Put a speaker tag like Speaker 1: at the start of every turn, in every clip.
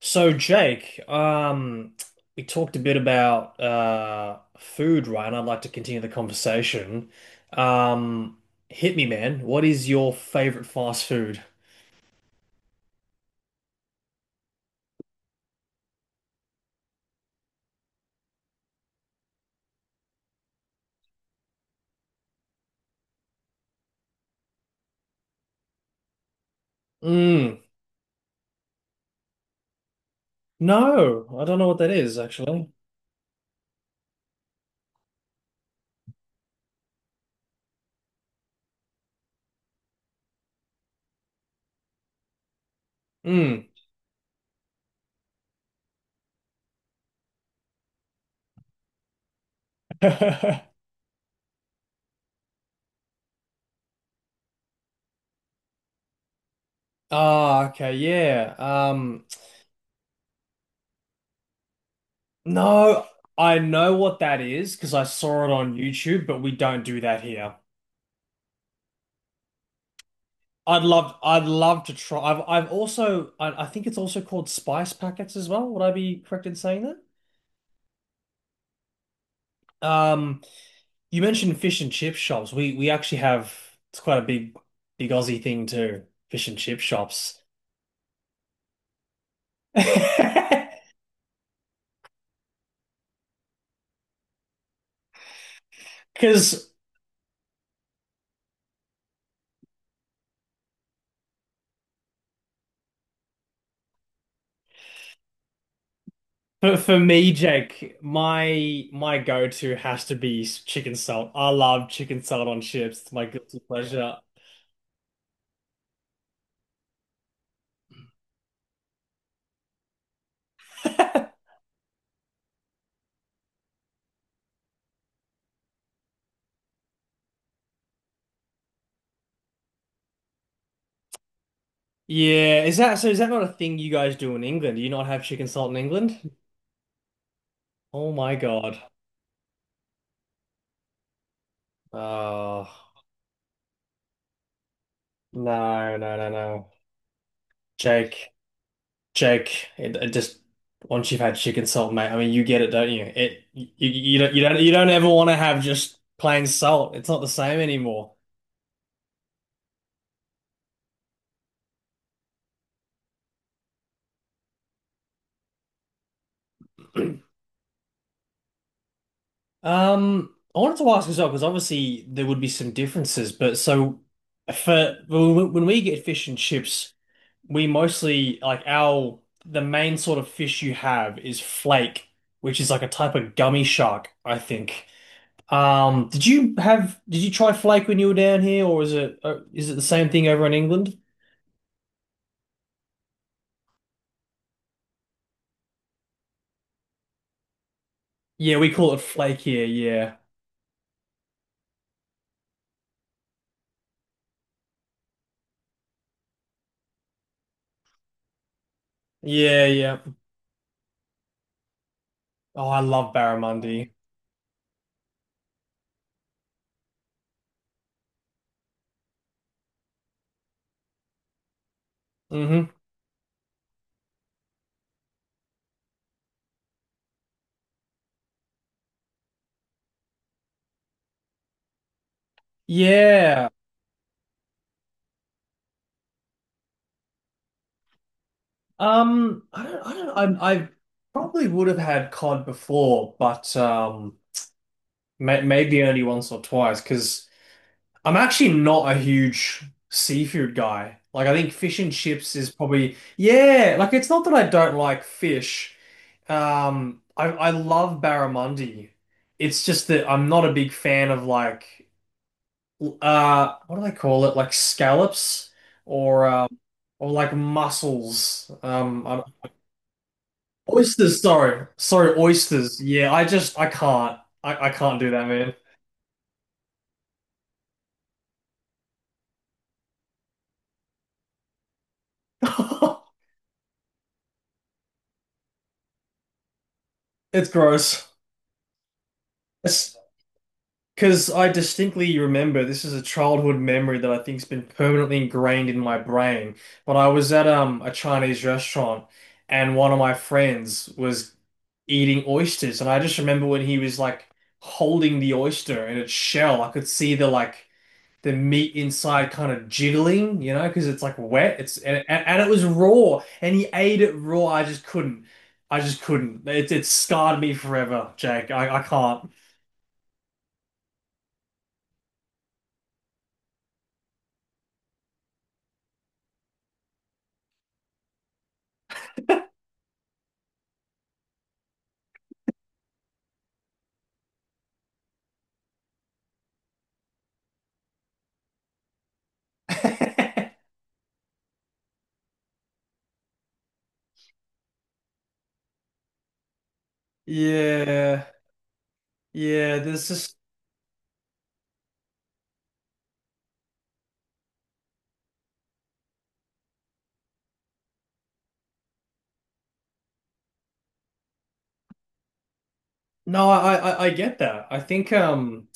Speaker 1: So Jake, we talked a bit about food, right? And I'd like to continue the conversation. Um, Hit me, man. What is your favorite fast food? Mm, no, I don't know what that is actually. Mm. Ah, okay, yeah. No, I know what that is because I saw it on YouTube, but we don't do that here. I'd love to try. I think it's also called spice packets as well. Would I be correct in saying that? Um, you mentioned fish and chip shops. We actually have it's quite a big Aussie thing too. Fish and chip shops. Because for me, Jake, my go-to has to be chicken salt. I love chicken salt on chips. It's my guilty pleasure. Yeah, is that so? Is that not a thing you guys do in England? Do you not have chicken salt in England? Oh my God. Oh, no, no, no, no. Jake, Jake, it just once you've had chicken salt, mate, I mean, you get it, don't you? It you, you don't you don't you don't ever want to have just plain salt. It's not the same anymore. I wanted to ask as well because obviously there would be some differences, but so for when we get fish and chips, we mostly like our the main sort of fish you have is flake, which is like a type of gummy shark, I think. Did you try flake when you were down here, or is it the same thing over in England? Yeah, we call it flake here. Yeah, yeah, yeah. Oh, I love barramundi. Hmm. Yeah. I don't, I don't, I probably would have had cod before, but may, maybe only once or twice because I'm actually not a huge seafood guy. Like, I think fish and chips is probably, yeah, like it's not that I don't like fish. I love barramundi. It's just that I'm not a big fan of like, what do they call it? Like scallops or, um, or like mussels. I don't- Oysters, sorry. Sorry, oysters. Yeah, I just, I can't. I can't do that, man. It's gross. Because I distinctly remember this is a childhood memory that I think's been permanently ingrained in my brain. When I was at a Chinese restaurant and one of my friends was eating oysters, and I just remember when he was like holding the oyster in its shell, I could see the like the meat inside kind of jiggling, you know, because it's like wet. It's and it was raw, and he ate it raw. I just couldn't. I just couldn't. It scarred me forever, Jake. I can't. Yeah. Yeah, there's just no, I get that. I think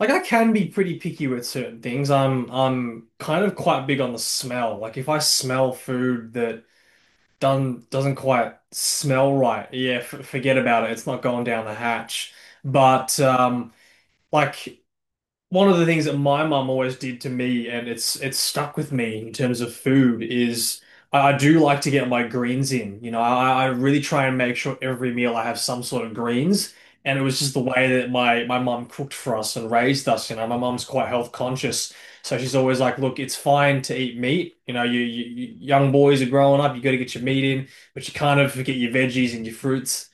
Speaker 1: like I can be pretty picky with certain things. I'm kind of quite big on the smell. Like if I smell food that done doesn't quite smell right, yeah, f forget about it. It's not going down the hatch. But like One of the things that my mum always did to me, and it's stuck with me in terms of food, is I do like to get my greens in. You know, I really try and make sure every meal I have some sort of greens. And it was just the way that my mum cooked for us and raised us. You know, my mum's quite health conscious, so she's always like, "Look, it's fine to eat meat. You know, young boys are growing up. You got to get your meat in, but you kind of forget your veggies and your fruits."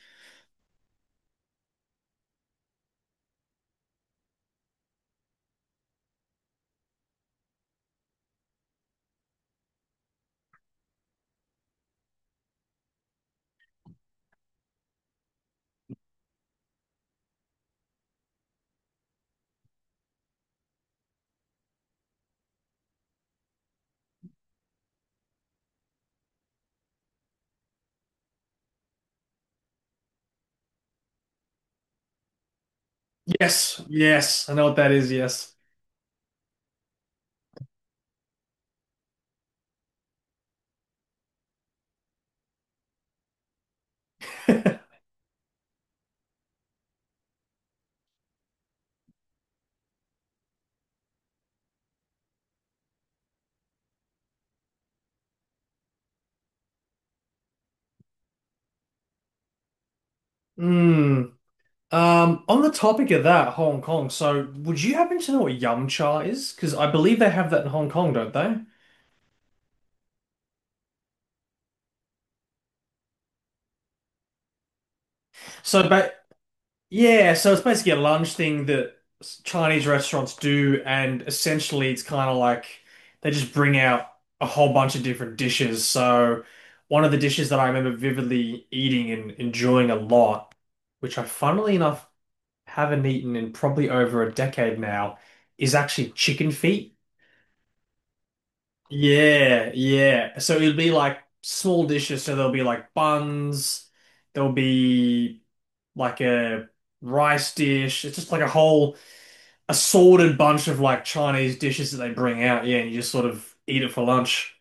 Speaker 1: Yes, yes, I know what that is. Yes. Hmm. On the topic of that, Hong Kong, so would you happen to know what yum cha is? Because I believe they have that in Hong Kong, don't they? So, but yeah, so it's basically a lunch thing that Chinese restaurants do, and essentially it's kind of like they just bring out a whole bunch of different dishes. So, one of the dishes that I remember vividly eating and enjoying a lot, which I funnily enough haven't eaten in probably over a decade now, is actually chicken feet. Yeah, yeah. So it'll be like small dishes. So there'll be like buns, there'll be like a rice dish. It's just like a whole assorted bunch of like Chinese dishes that they bring out. Yeah, and you just sort of eat it for lunch.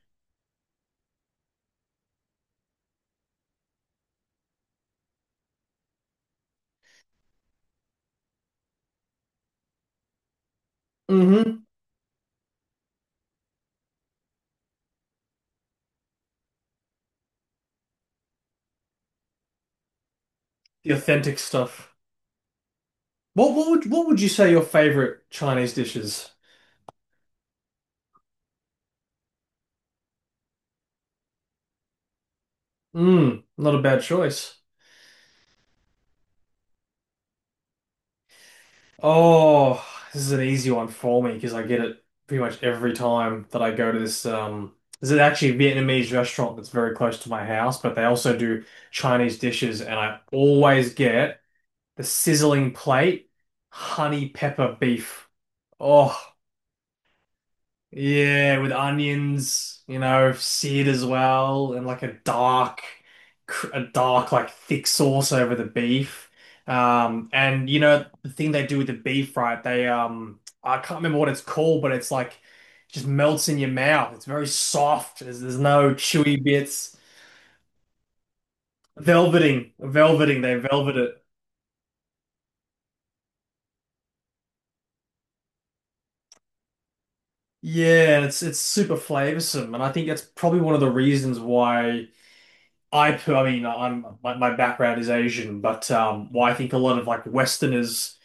Speaker 1: Mm-hmm. The authentic stuff. What would you say your favorite Chinese dishes? Mm, not a bad choice. Oh, this is an easy one for me because I get it pretty much every time that I go to this. This is actually a Vietnamese restaurant that's very close to my house, but they also do Chinese dishes, and I always get the sizzling plate, honey pepper beef. Oh. Yeah, with onions, you know, seared as well, and like a dark, a dark, like thick sauce over the beef. And you know, the thing they do with the beef, right? I can't remember what it's called, but it's like just melts in your mouth. It's very soft. There's no chewy bits. Velveting, velveting, they velvet it. Yeah, and it's super flavorsome, and I think that's probably one of the reasons why. I mean, my background is Asian, but well, I think a lot of like Westerners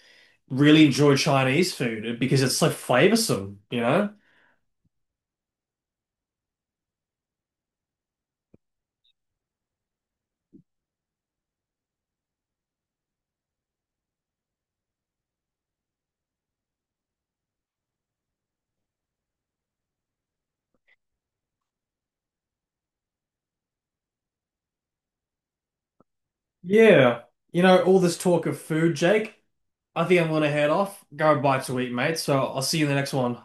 Speaker 1: really enjoy Chinese food because it's so flavoursome, you know? Yeah, you know, all this talk of food, Jake. I think I'm gonna head off, go bite to eat, mate. So I'll see you in the next one.